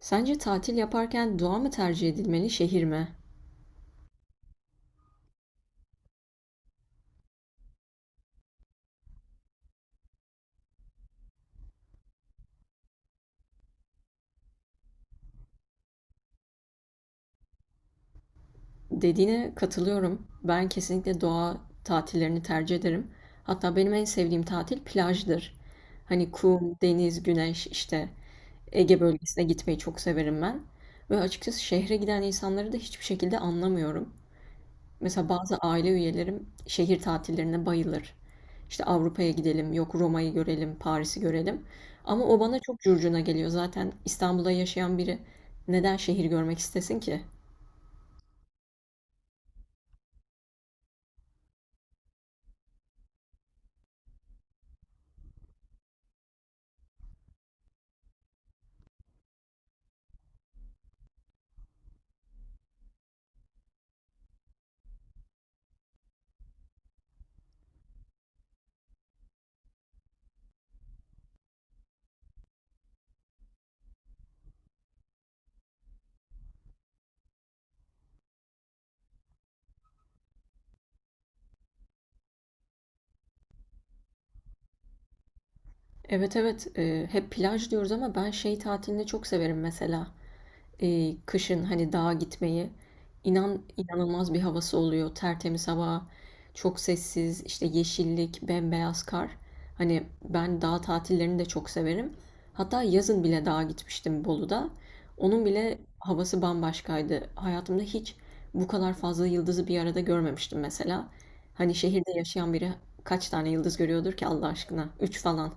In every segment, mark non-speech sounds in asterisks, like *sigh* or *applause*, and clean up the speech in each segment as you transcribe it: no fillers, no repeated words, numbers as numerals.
Sence tatil yaparken doğa mı tercih edilmeli, şehir mi? Dediğine katılıyorum. Ben kesinlikle doğa tatillerini tercih ederim. Hatta benim en sevdiğim tatil plajdır. Hani kum, deniz, güneş işte Ege bölgesine gitmeyi çok severim ben. Ve açıkçası şehre giden insanları da hiçbir şekilde anlamıyorum. Mesela bazı aile üyelerim şehir tatillerine bayılır. İşte Avrupa'ya gidelim, yok Roma'yı görelim, Paris'i görelim. Ama o bana çok curcuna geliyor. Zaten İstanbul'da yaşayan biri neden şehir görmek istesin ki? Evet evet, hep plaj diyoruz ama ben şey tatilini çok severim mesela. Kışın hani dağa gitmeyi. İnan inanılmaz bir havası oluyor. Tertemiz hava, çok sessiz, işte yeşillik, bembeyaz kar. Hani ben dağ tatillerini de çok severim. Hatta yazın bile dağa gitmiştim Bolu'da. Onun bile havası bambaşkaydı. Hayatımda hiç bu kadar fazla yıldızı bir arada görmemiştim mesela. Hani şehirde yaşayan biri kaç tane yıldız görüyordur ki Allah aşkına? Üç falan.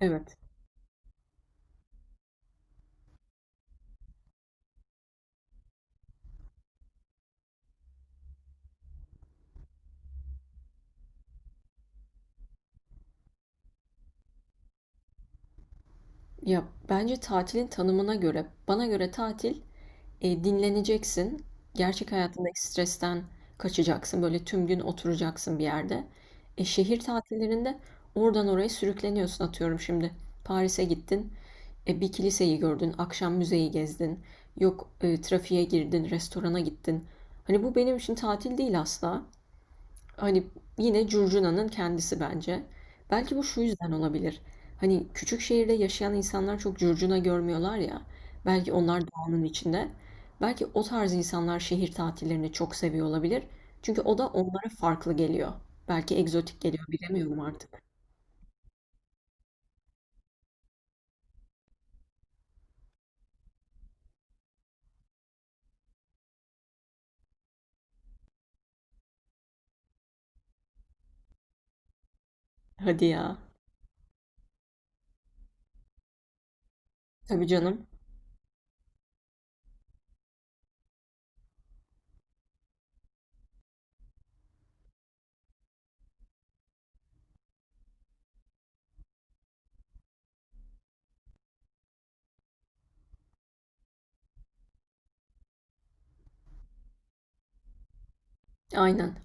Evet. Ya, bence tatilin tanımına göre, bana göre tatil dinleneceksin. Gerçek hayatındaki stresten kaçacaksın. Böyle tüm gün oturacaksın bir yerde. Şehir tatillerinde oradan oraya sürükleniyorsun atıyorum şimdi. Paris'e gittin, bir kiliseyi gördün, akşam müzeyi gezdin. Yok trafiğe girdin, restorana gittin. Hani bu benim için tatil değil asla. Hani yine curcunanın kendisi bence. Belki bu şu yüzden olabilir. Hani küçük şehirde yaşayan insanlar çok curcuna görmüyorlar ya. Belki onlar doğanın içinde. Belki o tarz insanlar şehir tatillerini çok seviyor olabilir. Çünkü o da onlara farklı geliyor. Belki egzotik geliyor bilemiyorum artık. Hadi ya. Tabii canım. Aynen.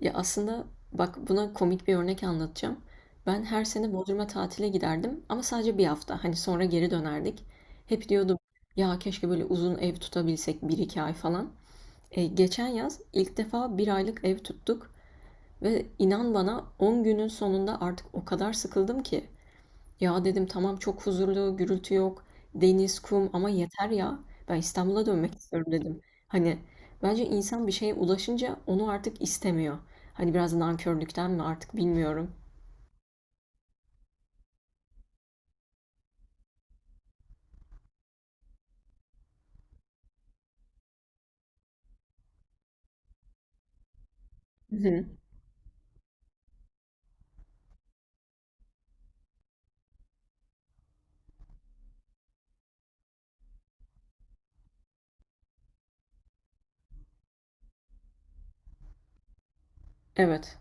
Ya, aslında bak buna komik bir örnek anlatacağım. Ben her sene Bodrum'a tatile giderdim ama sadece bir hafta. Hani sonra geri dönerdik. Hep diyordum ya keşke böyle uzun ev tutabilsek bir iki ay falan. Geçen yaz ilk defa bir aylık ev tuttuk ve inan bana 10 günün sonunda artık o kadar sıkıldım ki ya dedim tamam çok huzurlu, gürültü yok, deniz, kum ama yeter ya. Ben İstanbul'a dönmek istiyorum dedim. Hani bence insan bir şeye ulaşınca onu artık istemiyor. Hani biraz nankörlükten mi artık bilmiyorum. Hı hı. Evet.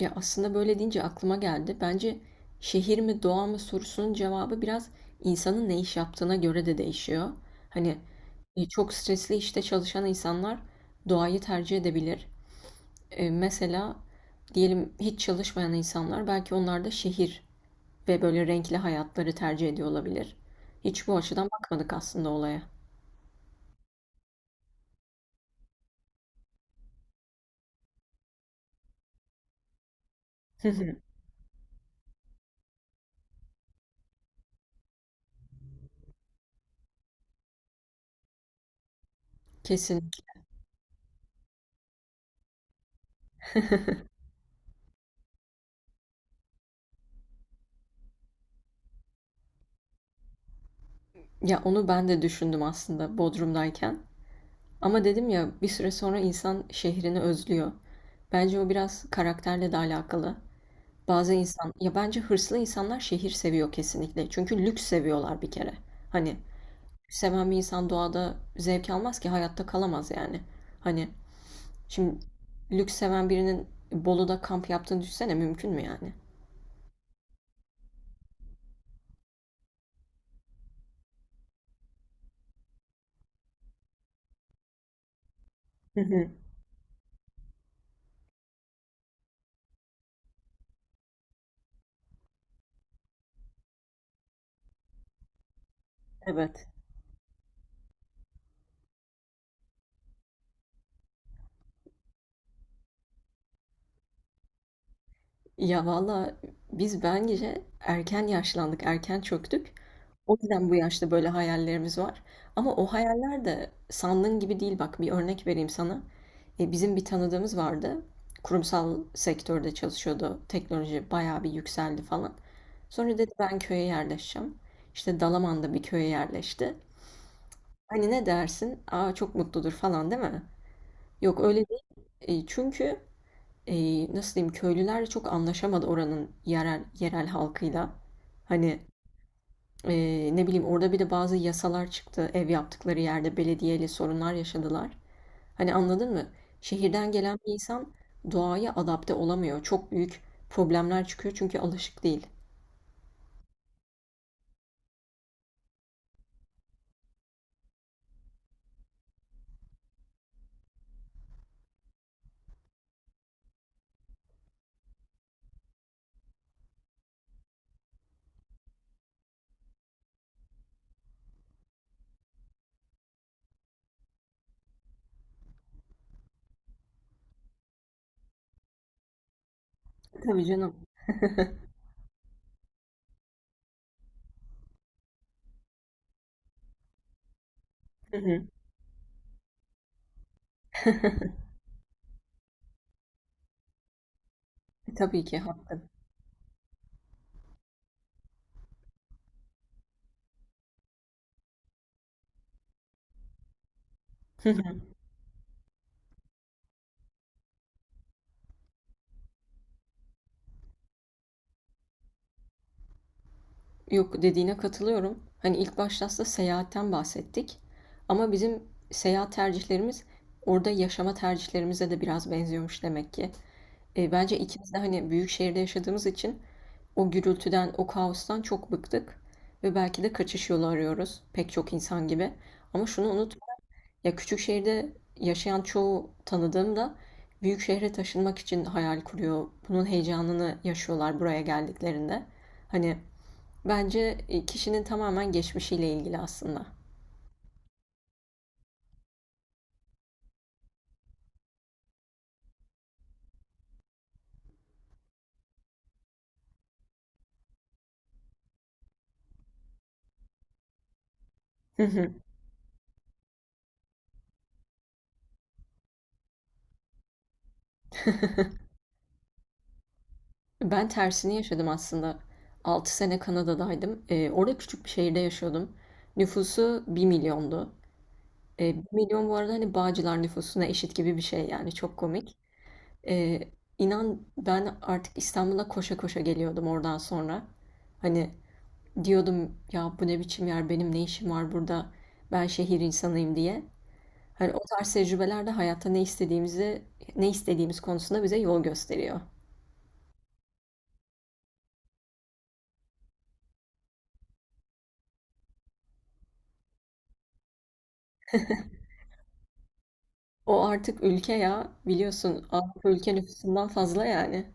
Ya aslında böyle deyince aklıma geldi. Bence şehir mi doğa mı sorusunun cevabı biraz insanın ne iş yaptığına göre de değişiyor. Hani çok stresli işte çalışan insanlar doğayı tercih edebilir. Mesela diyelim hiç çalışmayan insanlar belki onlar da şehir ve böyle renkli hayatları tercih ediyor olabilir. Hiç bu açıdan bakmadık aslında olaya. Hı hı. Kesin. Ya onu ben de düşündüm aslında Bodrum'dayken. Ama dedim ya bir süre sonra insan şehrini özlüyor. Bence o biraz karakterle de alakalı. Bazı insan, ya bence hırslı insanlar şehir seviyor kesinlikle. Çünkü lüks seviyorlar bir kere. Hani seven bir insan doğada zevk almaz ki hayatta kalamaz yani. Hani şimdi lüks seven birinin Bolu'da kamp yaptığını düşünsene mümkün mü yani? Hı hı, evet. Ya valla biz bence erken yaşlandık, erken çöktük. O yüzden bu yaşta böyle hayallerimiz var. Ama o hayaller de sandığın gibi değil. Bak bir örnek vereyim sana. Bizim bir tanıdığımız vardı. Kurumsal sektörde çalışıyordu. Teknoloji bayağı bir yükseldi falan. Sonra dedi ben köye yerleşeceğim. İşte Dalaman'da bir köye yerleşti. Hani ne dersin? Aa çok mutludur falan değil mi? Yok öyle değil. Çünkü e, nasıl diyeyim köylüler çok anlaşamadı oranın yerel yerel halkıyla. Hani ne bileyim orada bir de bazı yasalar çıktı. Ev yaptıkları yerde belediyeyle sorunlar yaşadılar. Hani anladın mı? Şehirden gelen bir insan doğaya adapte olamıyor. Çok büyük problemler çıkıyor çünkü alışık değil. Tabii canım. Hı hı. *laughs* Tabii ki haklı. Yok dediğine katılıyorum. Hani ilk başta aslında seyahatten bahsettik. Ama bizim seyahat tercihlerimiz orada yaşama tercihlerimize de biraz benziyormuş demek ki. Bence ikimiz de hani büyük şehirde yaşadığımız için o gürültüden, o kaostan çok bıktık. Ve belki de kaçış yolu arıyoruz pek çok insan gibi. Ama şunu unut, ya küçük şehirde yaşayan çoğu tanıdığım da büyük şehre taşınmak için hayal kuruyor. Bunun heyecanını yaşıyorlar buraya geldiklerinde. Hani bence kişinin tamamen geçmişiyle ilgili aslında. Hı hı. Ben tersini yaşadım aslında. 6 sene Kanada'daydım. Orada küçük bir şehirde yaşıyordum. Nüfusu bir milyondu. 1 milyon bu arada hani Bağcılar nüfusuna eşit gibi bir şey yani çok komik. E, inan ben artık İstanbul'a koşa koşa geliyordum oradan sonra. Hani diyordum ya bu ne biçim yer benim ne işim var burada ben şehir insanıyım diye. Hani o tarz tecrübeler de hayatta ne istediğimizi, ne istediğimiz konusunda bize yol gösteriyor. O artık ülke ya, biliyorsun Avrupa ülke nüfusundan fazla yani.